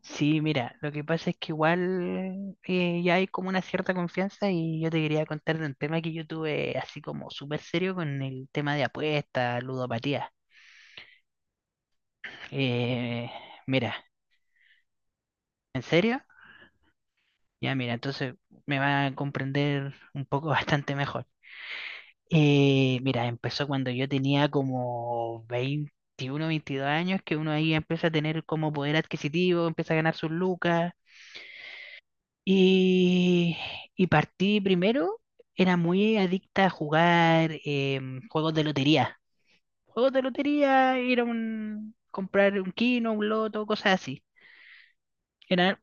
Sí, mira, lo que pasa es que igual ya hay como una cierta confianza y yo te quería contar de un tema que yo tuve así como súper serio con el tema de apuestas, ludopatía. Eh, mira, ¿En serio? Ya, mira, entonces me va a comprender un poco bastante mejor. Mira, empezó cuando yo tenía como 21, 22 años, que uno ahí empieza a tener como poder adquisitivo, empieza a ganar sus lucas. Y, partí primero, era muy adicta a jugar juegos de lotería. Juegos de lotería, ir a comprar un kino, un loto, cosas así. Era,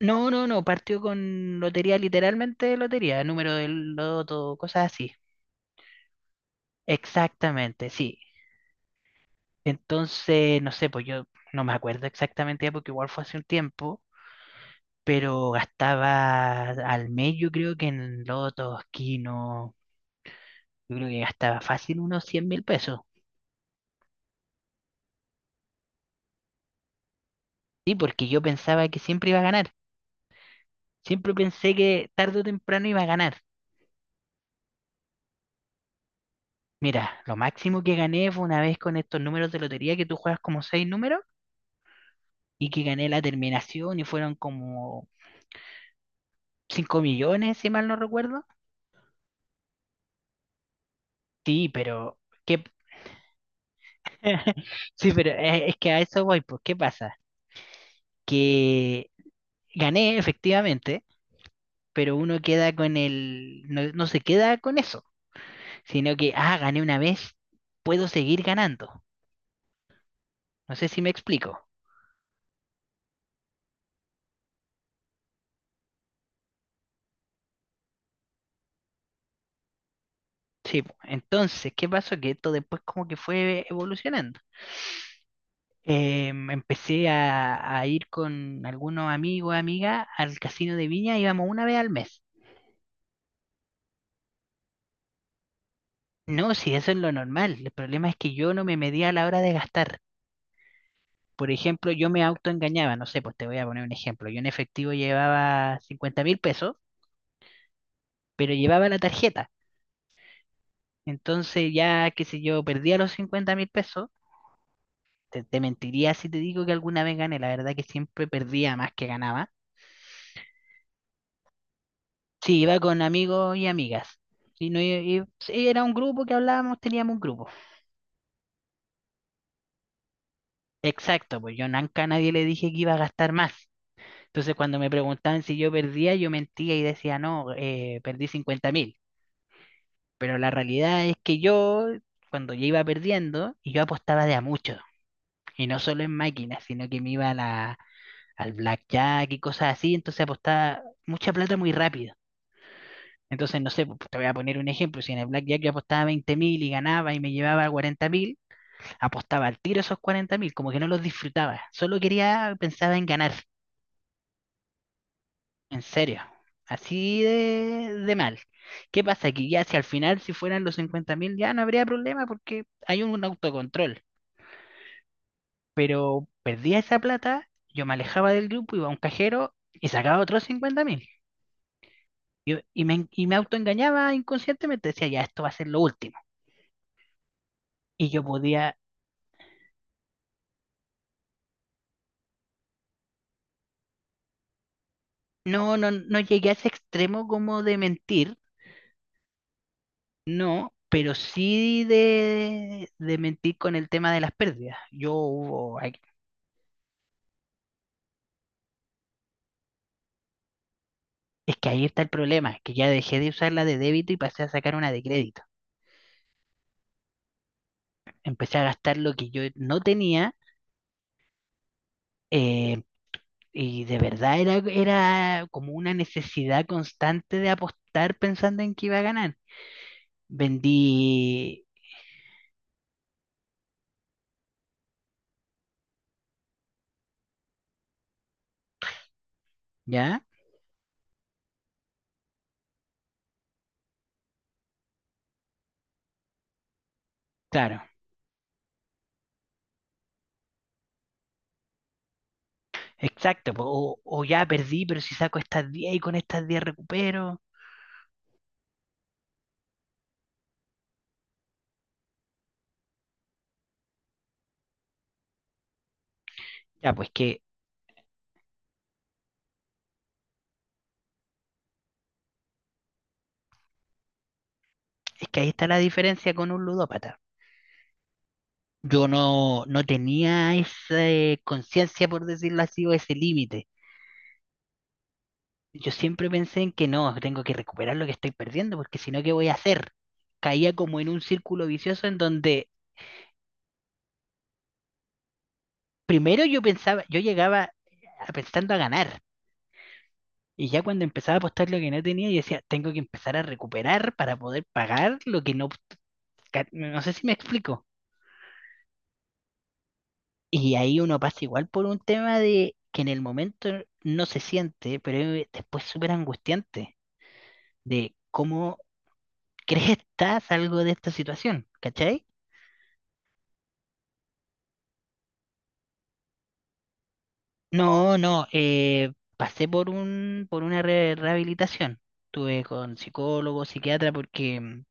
no, no, no, partió con lotería, literalmente lotería, número del loto, cosas así. Exactamente, sí. Entonces, no sé, pues yo no me acuerdo exactamente ya porque igual fue hace un tiempo, pero gastaba al mes yo creo que en lotos, kino. Yo creo que gastaba fácil unos 100.000 pesos. Sí, porque yo pensaba que siempre iba a ganar. Siempre pensé que tarde o temprano iba a ganar. Mira, lo máximo que gané fue una vez con estos números de lotería que tú juegas como 6 números y que gané la terminación y fueron como 5.000.000, si mal no recuerdo. Sí, pero ¿qué? Sí, pero es que a eso voy, pues, ¿qué pasa? Que gané efectivamente, pero uno queda con no se queda con eso, sino que, ah, gané una vez, puedo seguir ganando. No sé si me explico. Sí, po. Entonces, ¿qué pasó? Que esto después como que fue evolucionando. Empecé a ir con algunos amigos, amigas al casino de Viña, íbamos una vez al mes. No, si eso es lo normal. El problema es que yo no me medía a la hora de gastar. Por ejemplo, yo me autoengañaba, no sé, pues te voy a poner un ejemplo. Yo en efectivo llevaba 50.000 pesos, pero llevaba la tarjeta. Entonces ya, qué sé yo, perdía los 50.000 pesos. Te mentiría si te digo que alguna vez gané, la verdad que siempre perdía más que ganaba. Sí, iba con amigos y amigas. Y no, sí, era un grupo que hablábamos, teníamos un grupo. Exacto, pues yo nunca a nadie le dije que iba a gastar más. Entonces cuando me preguntaban si yo perdía, yo mentía y decía, no, perdí 50.000. Pero la realidad es que cuando yo iba perdiendo, y yo apostaba de a mucho. Y no solo en máquinas, sino que me iba a al blackjack y cosas así. Entonces apostaba mucha plata muy rápido. Entonces, no sé, pues, te voy a poner un ejemplo. Si en el Blackjack yo apostaba 20.000 y ganaba y me llevaba 40.000, apostaba al tiro esos 40.000, como que no los disfrutaba. Solo quería, pensaba en ganar, en serio. Así de mal. ¿Qué pasa que ya si al final, si fueran los 50.000, ya no habría problema porque hay un autocontrol? Pero perdía esa plata, yo me alejaba del grupo, iba a un cajero y sacaba otros 50.000. Me autoengañaba inconscientemente, decía, ya esto va a ser lo último. Y yo podía. No, no, no llegué a ese extremo como de mentir, no, pero sí de mentir con el tema de las pérdidas. Yo hubo, ay, es que ahí está el problema, que ya dejé de usar la de débito y pasé a sacar una de crédito. Empecé a gastar lo que yo no tenía, eh, y de verdad era como una necesidad constante de apostar pensando en que iba a ganar. Vendí, ¿ya? Claro, exacto, po. O ya perdí, pero si saco estas 10 y con estas 10 recupero. Ya, pues que es que ahí está la diferencia con un ludópata. Yo no, no tenía esa conciencia, por decirlo así, o ese límite. Yo siempre pensé en que no, tengo que recuperar lo que estoy perdiendo, porque si no, ¿qué voy a hacer? Caía como en un círculo vicioso en donde primero yo pensaba, yo llegaba pensando a ganar, y ya cuando empezaba a apostar lo que no tenía, yo decía, tengo que empezar a recuperar para poder pagar lo que no... No sé si me explico. Y ahí uno pasa igual por un tema de que en el momento no se siente, pero es después súper angustiante de cómo crees que estás algo de esta situación, ¿cachai? No, no, pasé por un, por una rehabilitación. Estuve con psicólogo, psiquiatra, porque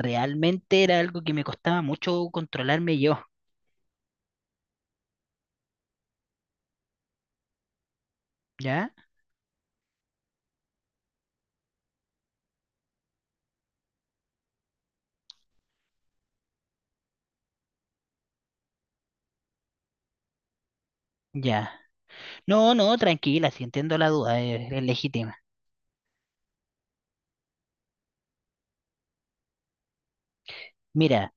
realmente era algo que me costaba mucho controlarme yo, ¿ya? Ya. No, no, tranquila, si entiendo la duda, es legítima. Mira.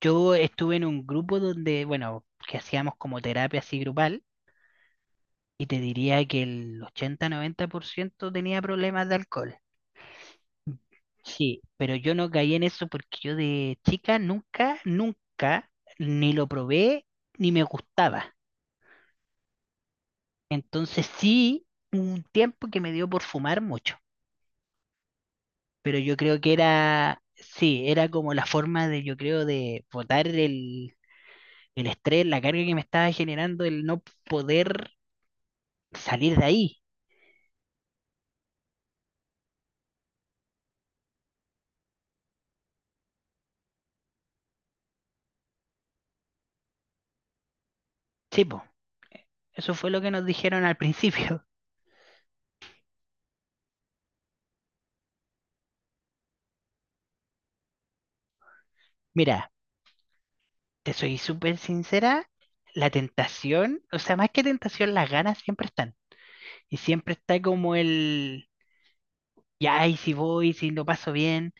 Yo estuve en un grupo donde, bueno, que hacíamos como terapia así grupal y te diría que el 80-90% tenía problemas de alcohol. Sí, pero yo no caí en eso porque yo de chica nunca, nunca ni lo probé ni me gustaba. Entonces sí, un tiempo que me dio por fumar mucho, pero yo creo que era, sí, era como la forma de, yo creo, de botar el estrés, la carga que me estaba generando, el no poder salir de ahí. Sí, eso fue lo que nos dijeron al principio. Mira, te soy súper sincera, la tentación, o sea, más que tentación, las ganas siempre están. Y siempre está como ya, y si voy, si lo paso bien.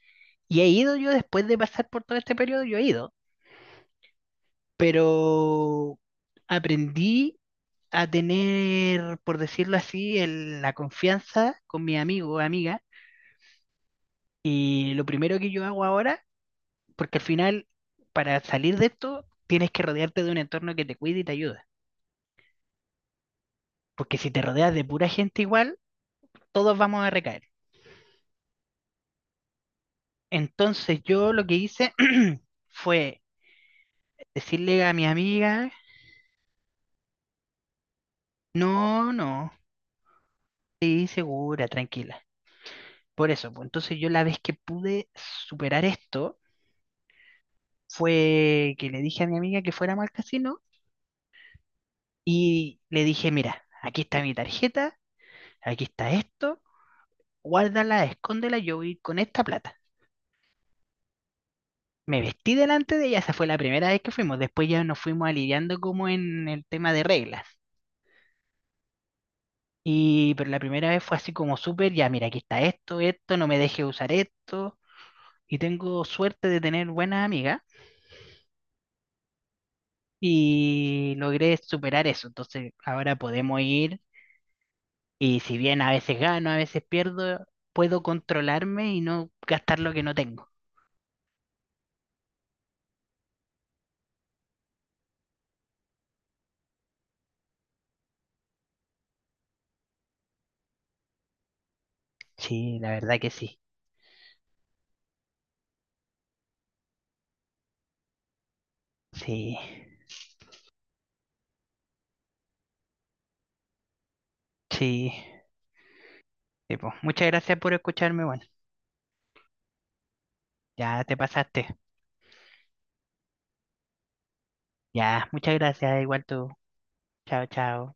Y he ido yo después de pasar por todo este periodo, yo he ido, pero aprendí a tener, por decirlo así, la confianza con mi amigo o amiga. Y lo primero que yo hago ahora. Porque al final, para salir de esto, tienes que rodearte de un entorno que te cuide y te ayude. Porque si te rodeas de pura gente igual, todos vamos a recaer. Entonces yo lo que hice fue decirle a mi amiga, no, no, sí, segura, tranquila. Por eso, pues, entonces yo la vez que pude superar esto fue que le dije a mi amiga que fuéramos al casino y le dije, mira, aquí está mi tarjeta, aquí está esto, guárdala, escóndela, yo voy con esta plata. Me vestí delante de ella, esa fue la primera vez que fuimos. Después ya nos fuimos aliviando como en el tema de reglas. Y pero la primera vez fue así como súper, ya mira, aquí está esto, esto, no me deje usar esto. Y tengo suerte de tener buenas amigas y logré superar eso. Entonces ahora podemos ir y si bien a veces gano, a veces pierdo, puedo controlarme y no gastar lo que no tengo. Sí, la verdad que sí. Sí, sí. Sí, po. Muchas gracias por escucharme. Bueno, ya te pasaste. Ya, muchas gracias, igual tú. Chao, chao.